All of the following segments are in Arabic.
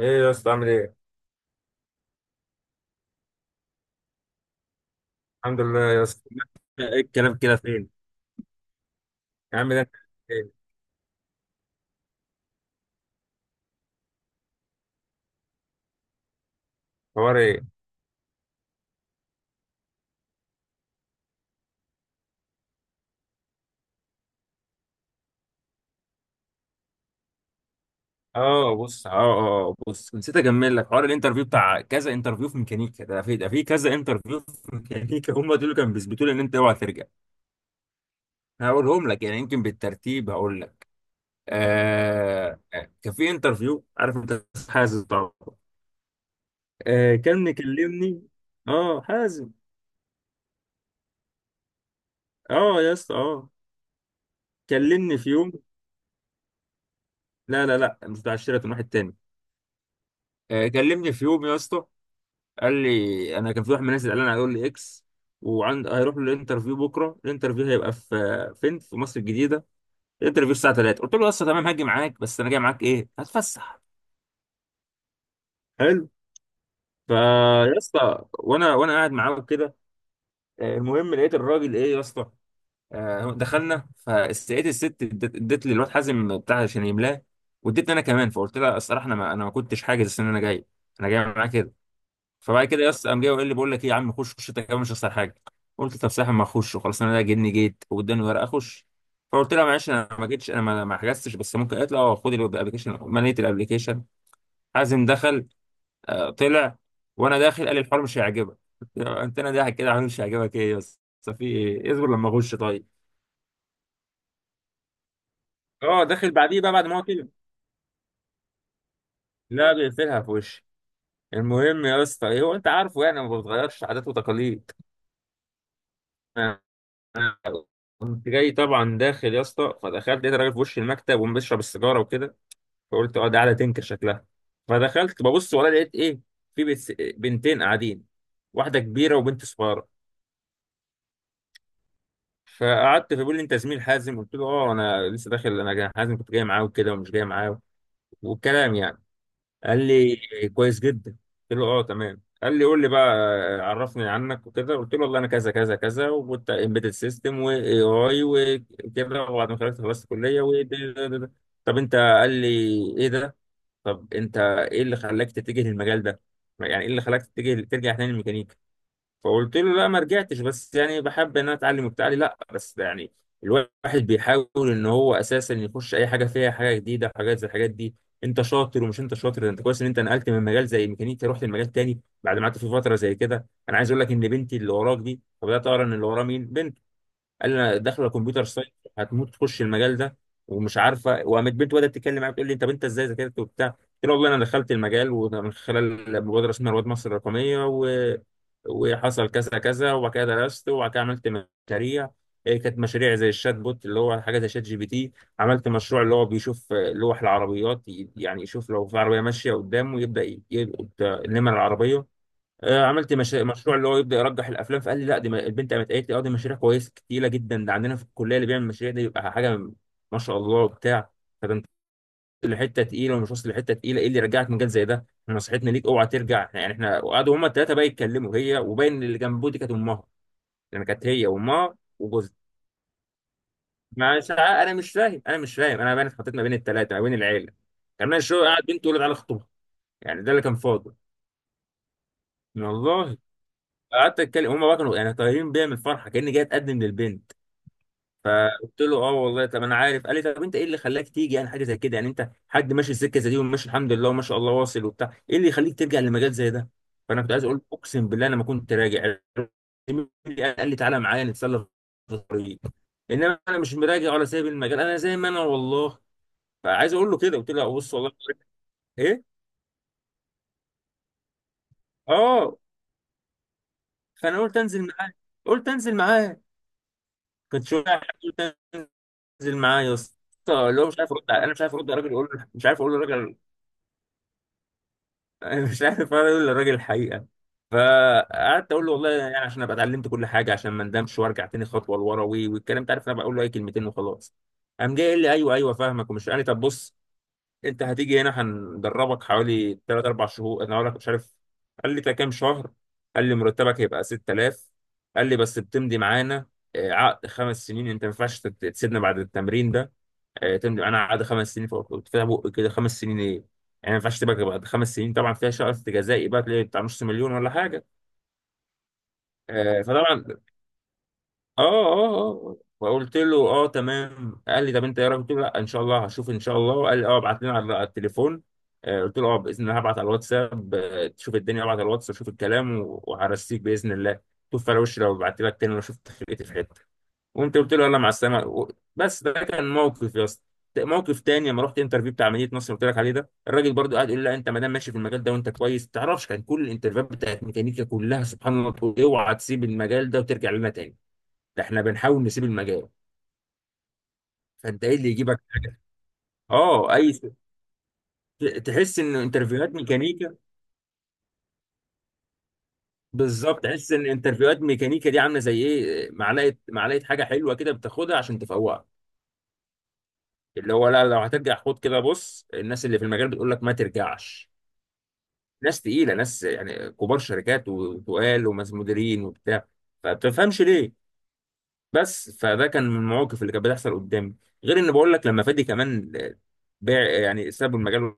ايه يا اسطى عامل ايه؟ الحمد لله يا اسطى. ايه الكلام كده فين؟ يا عم ده انت ايه؟ حوار ايه؟ اه بص اه اه آه، بص نسيت اكمل لك حوار الانترفيو بتاع كذا انترفيو في ميكانيكا، ده في ده في كذا انترفيو في ميكانيكا. هم دول كانوا بيثبتوا لي ان انت اوعى ترجع. هقولهم لك، يمكن بالترتيب هقول لك. آه، كان في انترفيو، عارف انت حازم طبعا، آه، كان مكلمني. اه حازم. اه يا اسطى اه، كلمني في يوم. لا لا لا، مش بتاع الشركه، واحد تاني. كلمني في يوم يا اسطى، قال لي، انا كان في واحد من الناس اللي قال انا هيقول لي اكس، وعند هيروح له الانترفيو بكره. الانترفيو هيبقى في فين؟ في مصر الجديده. الانترفيو الساعه 3. قلت له يا اسطى تمام، هاجي معاك، بس انا جاي معاك ايه؟ هتفسح. حلو. فيا اسطى، وانا قاعد معاه كده، المهم، لقيت الراجل ايه يا اسطى، دخلنا، فلقيت الست ادت لي الواد حازم بتاع عشان يملاه، وادتني انا كمان. فقلت لها الصراحه، انا ما كنتش حاجز ان انا جاي، انا جاي معاك. فبعد كده يس قام جاي وقال لي، بقول لك ايه يا عم، خش خش انت كمان، مش هخسر حاجه. قلت، طب ساحب، ما اخش وخلاص، انا ده جني جيت واداني ورقه اخش. فقلت لها، معلش انا ما جيتش، انا ما حجزتش، بس ممكن؟ قالت لي اه خد الابلكيشن. مليت الابلكيشن. حازم دخل، طلع، وانا داخل قال لي الحوار مش هيعجبك. قلت له انت انا ضاحك كده، عامل مش هيعجبك، ايه يس، بس في ايه؟ اصبر لما اخش، طيب. اه داخل بعديه بقى بعد ما هو طلع. لا بيقفلها في وشي. المهم يا اسطى، هو انت عارفه يعني، ما بتغيرش عادات وتقاليد. انا كنت جاي طبعا داخل يا اسطى، فدخلت لقيت راجل في وش المكتب وبيشرب السيجاره وكده. فقلت اه ده قاعده تنكر شكلها. فدخلت ببص، ولا لقيت ايه؟ في بنتين قاعدين، واحده كبيره وبنت صغيره. فقعدت، فبيقول لي انت زميل حازم؟ قلت له اه، انا لسه داخل، انا حازم كنت جاي معاه وكده، ومش جاي معاه، والكلام يعني. قال لي كويس جدا. قلت له اه تمام. قال لي قول لي بقى، عرفني عنك وكده. قلت له، والله انا كذا كذا كذا، وكنت امبيدد سيستم واي اي وكده، وبعد ما خلصت خلصت كليه و ده- ده- ده- ده. طب انت، قال لي، ايه ده؟ طب انت ايه اللي خلاك تتجه للمجال ده؟ يعني ايه اللي خلاك تتجه ترجع تاني للميكانيكا؟ فقلت له لا ما رجعتش، بس يعني بحب ان انا اتعلم وبتاع لي، لا بس يعني الواحد بيحاول ان هو اساسا يخش اي حاجه فيها حاجه جديده، حاجات زي الحاجات دي. انت شاطر، ومش انت شاطر ده، انت كويس ان انت نقلت من مجال زي ميكانيكا رحت لمجال تاني بعد ما قعدت في فتره زي كده. انا عايز اقول لك ان بنتي اللي وراك دي. فبدات اقرا ان اللي وراه مين. بنت. قال لي انا داخله كمبيوتر ساينس. هتموت تخش المجال ده ومش عارفه. وقامت بنت بدات تتكلم معايا، بتقول لي طب انت بنت، ازاي ذاكرت وبتاع؟ قلت لها والله انا دخلت المجال ومن خلال مبادره اسمها رواد مصر الرقميه وحصل كذا كذا، وبعد كده درست، وبعد كده عملت مشاريع، كانت مشاريع زي الشات بوت اللي هو حاجه زي شات جي بي تي. عملت مشروع اللي هو بيشوف، لوح العربيات، يعني يشوف لو في عربيه ماشيه قدامه يبدا يلقط، نمر العربيه. عملت مش... مشروع اللي هو يبدا يرجح الافلام. فقال لي لا دي البنت قامت قالت لي اه دي مشاريع كويسه تقيله جدا، ده عندنا في الكليه اللي بيعمل مشاريع دي بيبقى حاجه ما شاء الله وبتاع. فده انت واصل لحته تقيله، ومش واصل لحته تقيله، ايه اللي يرجعك مجال زي ده؟ نصيحتنا ليك اوعى ترجع. يعني احنا. وقعدوا هما الثلاثه بقى يتكلموا، هي وباين اللي جنبه دي كانت امها، لان كانت هي وامها وجوزها مع ساعة. انا مش فاهم، انا مش فاهم، انا بقى اتحطيت ما بين الثلاثه، ما بين العيله كمان، شو قاعد بنت تقول له تعالى خطوبه، يعني ده اللي كان فاضل، والله. قعدت اتكلم، هما بقى كانوا يعني طايرين بيا من الفرحه كاني جاي اتقدم للبنت. قلت له اه والله، طب انا عارف. قال لي طب انت ايه اللي خلاك تيجي يعني حاجه زي كده؟ يعني انت حد ماشي السكه زي دي وماشي الحمد لله وما شاء الله واصل وبتاع، ايه اللي يخليك ترجع لمجال زي ده؟ فانا كنت عايز اقول، اقسم بالله انا ما كنت راجع. قال لي تعالى معايا نتسلى في الطريق. انما انا مش مراجع ولا سايب المجال، انا زي ما انا والله. فعايز اقول له كده، قلت له بص والله، ايه، اه، فانا قلت انزل معاه. قلت انزل معاه. كنت شويه. قلت، نزل معاه يا اسطى، اللي هو مش عارف انا مش عارف ارد على الراجل، اقول له مش عارف، اقول له الراجل، أنا مش عارف اقول للراجل الحقيقه. فقعدت اقول له والله يعني عشان ابقى اتعلمت كل حاجه عشان ما ندمش وارجع تاني خطوه لورا والكلام ده، عارف انا بقول له اي كلمتين وخلاص. قام جاي قال لي ايوه ايوه فاهمك، ومش قال لي طب بص، انت هتيجي هنا هندربك حوالي 3 4 شهور. انا اقول لك مش عارف، قال لي ده كام شهر. قال لي مرتبك هيبقى 6000. قال لي بس بتمضي معانا، عقد خمس سنين، انت ما ينفعش تسيبنا بعد التمرين ده. تمضي معانا عقد خمس سنين، فوق، كنت فيها بق كده خمس سنين ايه. يعني ما ينفعش تبقى بعد خمس سنين، طبعا فيها شرط جزائي بقى، تلاقي بتاع نص مليون ولا حاجه. فطبعا، فقلت له اه تمام. قال لي طب انت ايه رايك؟ قلت له لا ان شاء الله هشوف ان شاء الله. قال لي اه ابعت لنا على التليفون. قلت له اه باذن الله هبعت على الواتساب، تشوف الدنيا، ابعت على الواتساب، شوف الكلام وهرسيك باذن الله. شوف على وشي لو بعت لك تاني، لو شفت فرقتي في حته. قمت قلت له يلا مع السلامه بس ده كان موقف يا اسطى. موقف تاني لما رحت انترفيو بتاع مدينه نصر اللي قلت لك عليه ده، الراجل برضو قاعد يقول لي لا انت ما دام ماشي في المجال ده وانت كويس ما تعرفش. كان كل الانترفيوهات بتاعت ميكانيكا كلها سبحان الله تقول اوعى تسيب المجال ده وترجع لنا تاني. ده احنا بنحاول نسيب المجال، فانت ايه اللي يجيبك حاجه؟ اه اي، تحس ان انترفيوهات ميكانيكا، بالظبط، تحس ان انترفيوهات ميكانيكا دي عامله زي ايه، معلقه، معلقه حاجه حلوه كده بتاخدها عشان تفوقك، اللي هو لا لو هترجع خد كده بص، الناس اللي في المجال بتقول لك ما ترجعش، ناس تقيله، ناس يعني كبار شركات وتقال، وناس مديرين وبتاع، فبتفهمش ليه. بس فده كان من المواقف اللي كانت بتحصل قدامي. غير ان بقول لك، لما فادي كمان، باع يعني ساب المجال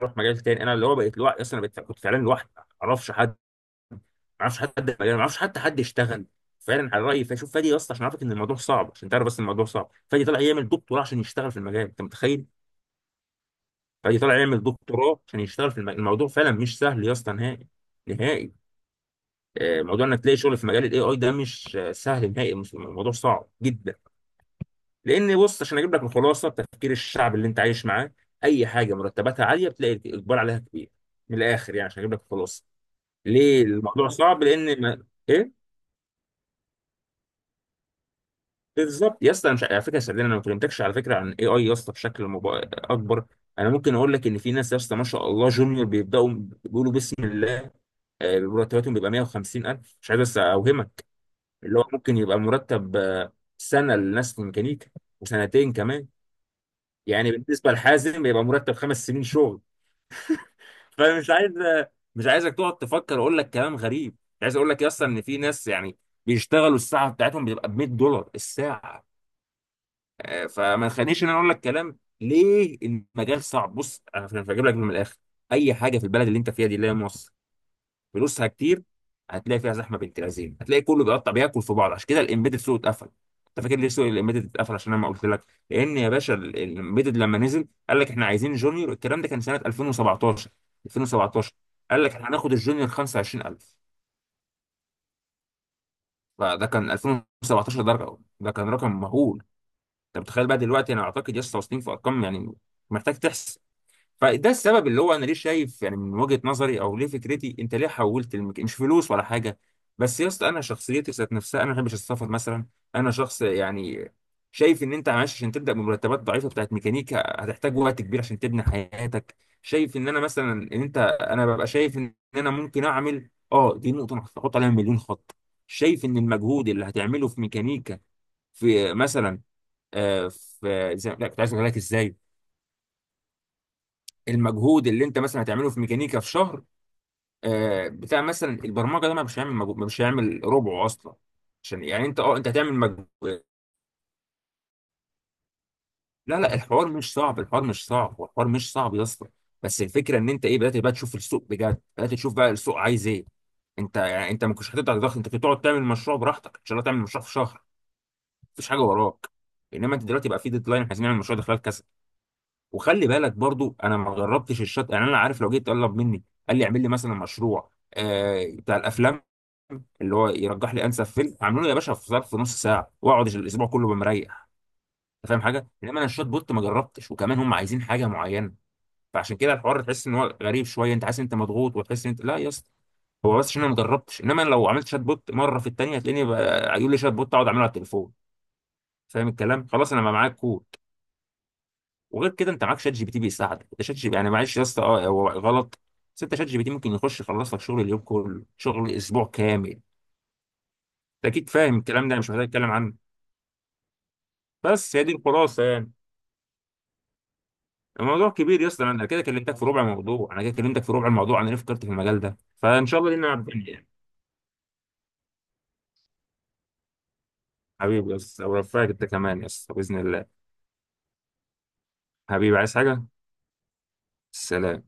وراح مجال تاني، انا اللي هو بقيت لوحدي اصلا، بقيت كنت فعلا لوحدي، ما اعرفش حد، ما اعرفش حد في المجال، ما اعرفش حتى حد يشتغل فعلا على رايي. فشوف فادي اصلا عشان اعرفك ان الموضوع صعب، عشان تعرف بس إن الموضوع صعب، فادي طلع يعمل دكتوراه عشان يشتغل في المجال، انت متخيل؟ فادي طلع يعمل دكتوراه عشان يشتغل في المجال. الموضوع فعلا مش سهل يا اسطى نهائي، نهائي. موضوع انك تلاقي شغل في مجال الاي اي ده مش سهل نهائي، الموضوع صعب جدا. لان بص عشان اجيب لك الخلاصه، تفكير الشعب اللي انت عايش معاه، اي حاجه مرتباتها عاليه بتلاقي الاقبال عليها كبير. من الاخر يعني، عشان اجيب لك الخلاصه، ليه الموضوع صعب، لان ما... ايه، بالظبط يا اسطى. أنا مش على فكره صدقني، انا ما كلمتكش على فكره عن اي اي يا اسطى بشكل اكبر. انا ممكن اقول لك ان في ناس يا اسطى ما شاء الله، جونيور بيبداوا بيقولوا بسم الله، مرتباتهم بيبقى 150,000، مش عايز بس اوهمك، اللي هو ممكن يبقى مرتب، سنة لناس في ميكانيكا، وسنتين كمان. يعني بالنسبة لحازم يبقى مرتب خمس سنين شغل. فمش عايز، مش عايزك تقعد تفكر اقول لك كلام غريب. عايز اقول لك اصلا ان في ناس يعني بيشتغلوا، الساعة بتاعتهم بتبقى ب $100 الساعة. فما تخلينيش ان انا اقول لك كلام ليه المجال صعب، بص انا بجيب لك من الاخر، اي حاجة في البلد اللي انت فيها دي اللي هي مصر فلوسها كتير، هتلاقي فيها زحمه بنت لذينه، هتلاقي كله بيقطع بياكل في بعض، عشان كده الامبيدد سوق اتقفل. انت فاكر ليه سوق الامبيدد اتقفل؟ عشان انا ما قلت لك، لان يا باشا الامبيدد لما نزل قال لك احنا عايزين جونيور، الكلام ده كان سنه 2017، 2017، قال لك احنا هناخد الجونيور 25,000. فده كان 2017، ده كان رقم مهول. انت متخيل بقى دلوقتي، انا اعتقد لسه واصلين في ارقام يعني، محتاج تحسب. فده السبب اللي هو انا ليه شايف، يعني من وجهة نظري او ليه فكرتي انت ليه حولت مش فلوس ولا حاجه، بس يا اسطى انا شخصيتي ذات نفسها، انا ما بحبش السفر مثلا. انا شخص يعني شايف ان انت معلش عشان تبدا بمرتبات ضعيفه بتاعت ميكانيكا هتحتاج وقت كبير عشان تبني حياتك. شايف ان انا مثلا ان انت، انا ببقى شايف ان انا ممكن اعمل اه، دي نقطه أنا هحط عليها مليون خط، شايف ان المجهود اللي هتعمله في ميكانيكا في مثلا، لا كنت عايز اقول لك ازاي، المجهود اللي انت مثلا هتعمله في ميكانيكا في شهر، بتاع مثلا البرمجه ده ما، مش هيعمل مجهود، مش هيعمل ربعه اصلا، عشان يعني انت اه انت هتعمل مجهود. لا لا الحوار مش صعب، الحوار مش صعب، هو الحوار مش صعب يا اسطى، بس الفكره ان انت ايه، بدات بقى تشوف السوق بجد، بدات تشوف بقى السوق عايز ايه. انت يعني، انت ما كنتش هتقدر تضغط، انت كنت تقعد تعمل مشروع براحتك ان شاء الله، تعمل مشروع في شهر، مفيش حاجه وراك، انما انت دلوقتي بقى في ديدلاين، احنا عايزين نعمل مشروع ده خلال كذا. وخلي بالك برضو انا ما جربتش الشط يعني، انا عارف لو جيت طلب مني قال لي اعمل لي مثلا مشروع آه بتاع الافلام اللي هو يرجح لي انسب فيلم اعمله له يا باشا، في ظرف نص ساعه، واقعد الاسبوع كله بمريح، انت فاهم حاجه؟ انما انا الشوت بوت ما جربتش، وكمان هم عايزين حاجه معينه. فعشان كده الحوار تحس ان هو غريب شويه، انت حاسس إن انت مضغوط، وتحس إن انت لا يا اسطى. هو بس عشان انا ما جربتش، انما أنا لو عملت شات بوت مره في الثانيه هتلاقيني يقول لي شات بوت اقعد اعمله على التليفون، فاهم الكلام، خلاص انا ما معاك كور. وغير كده انت معاك شات جي بي تي بيساعدك، انت شات جي بي يعني، معلش يا اسطى اه هو غلط، بس انت شات جي بي تي ممكن يخش يخلص لك شغل اليوم كله، شغل اسبوع كامل، انت اكيد فاهم الكلام ده، انا مش محتاج اتكلم عنه. بس هي دي الخلاصه يعني. الموضوع كبير يا اسطى، انا كده كلمتك في ربع الموضوع، انا كده كلمتك في ربع الموضوع، انا ليه فكرت في المجال ده. فان شاء الله لينا عبد يعني. حبيبي يا اسطى، ورفعك انت كمان يا اسطى باذن الله. حبيبي، عايز حاجه؟ سلام.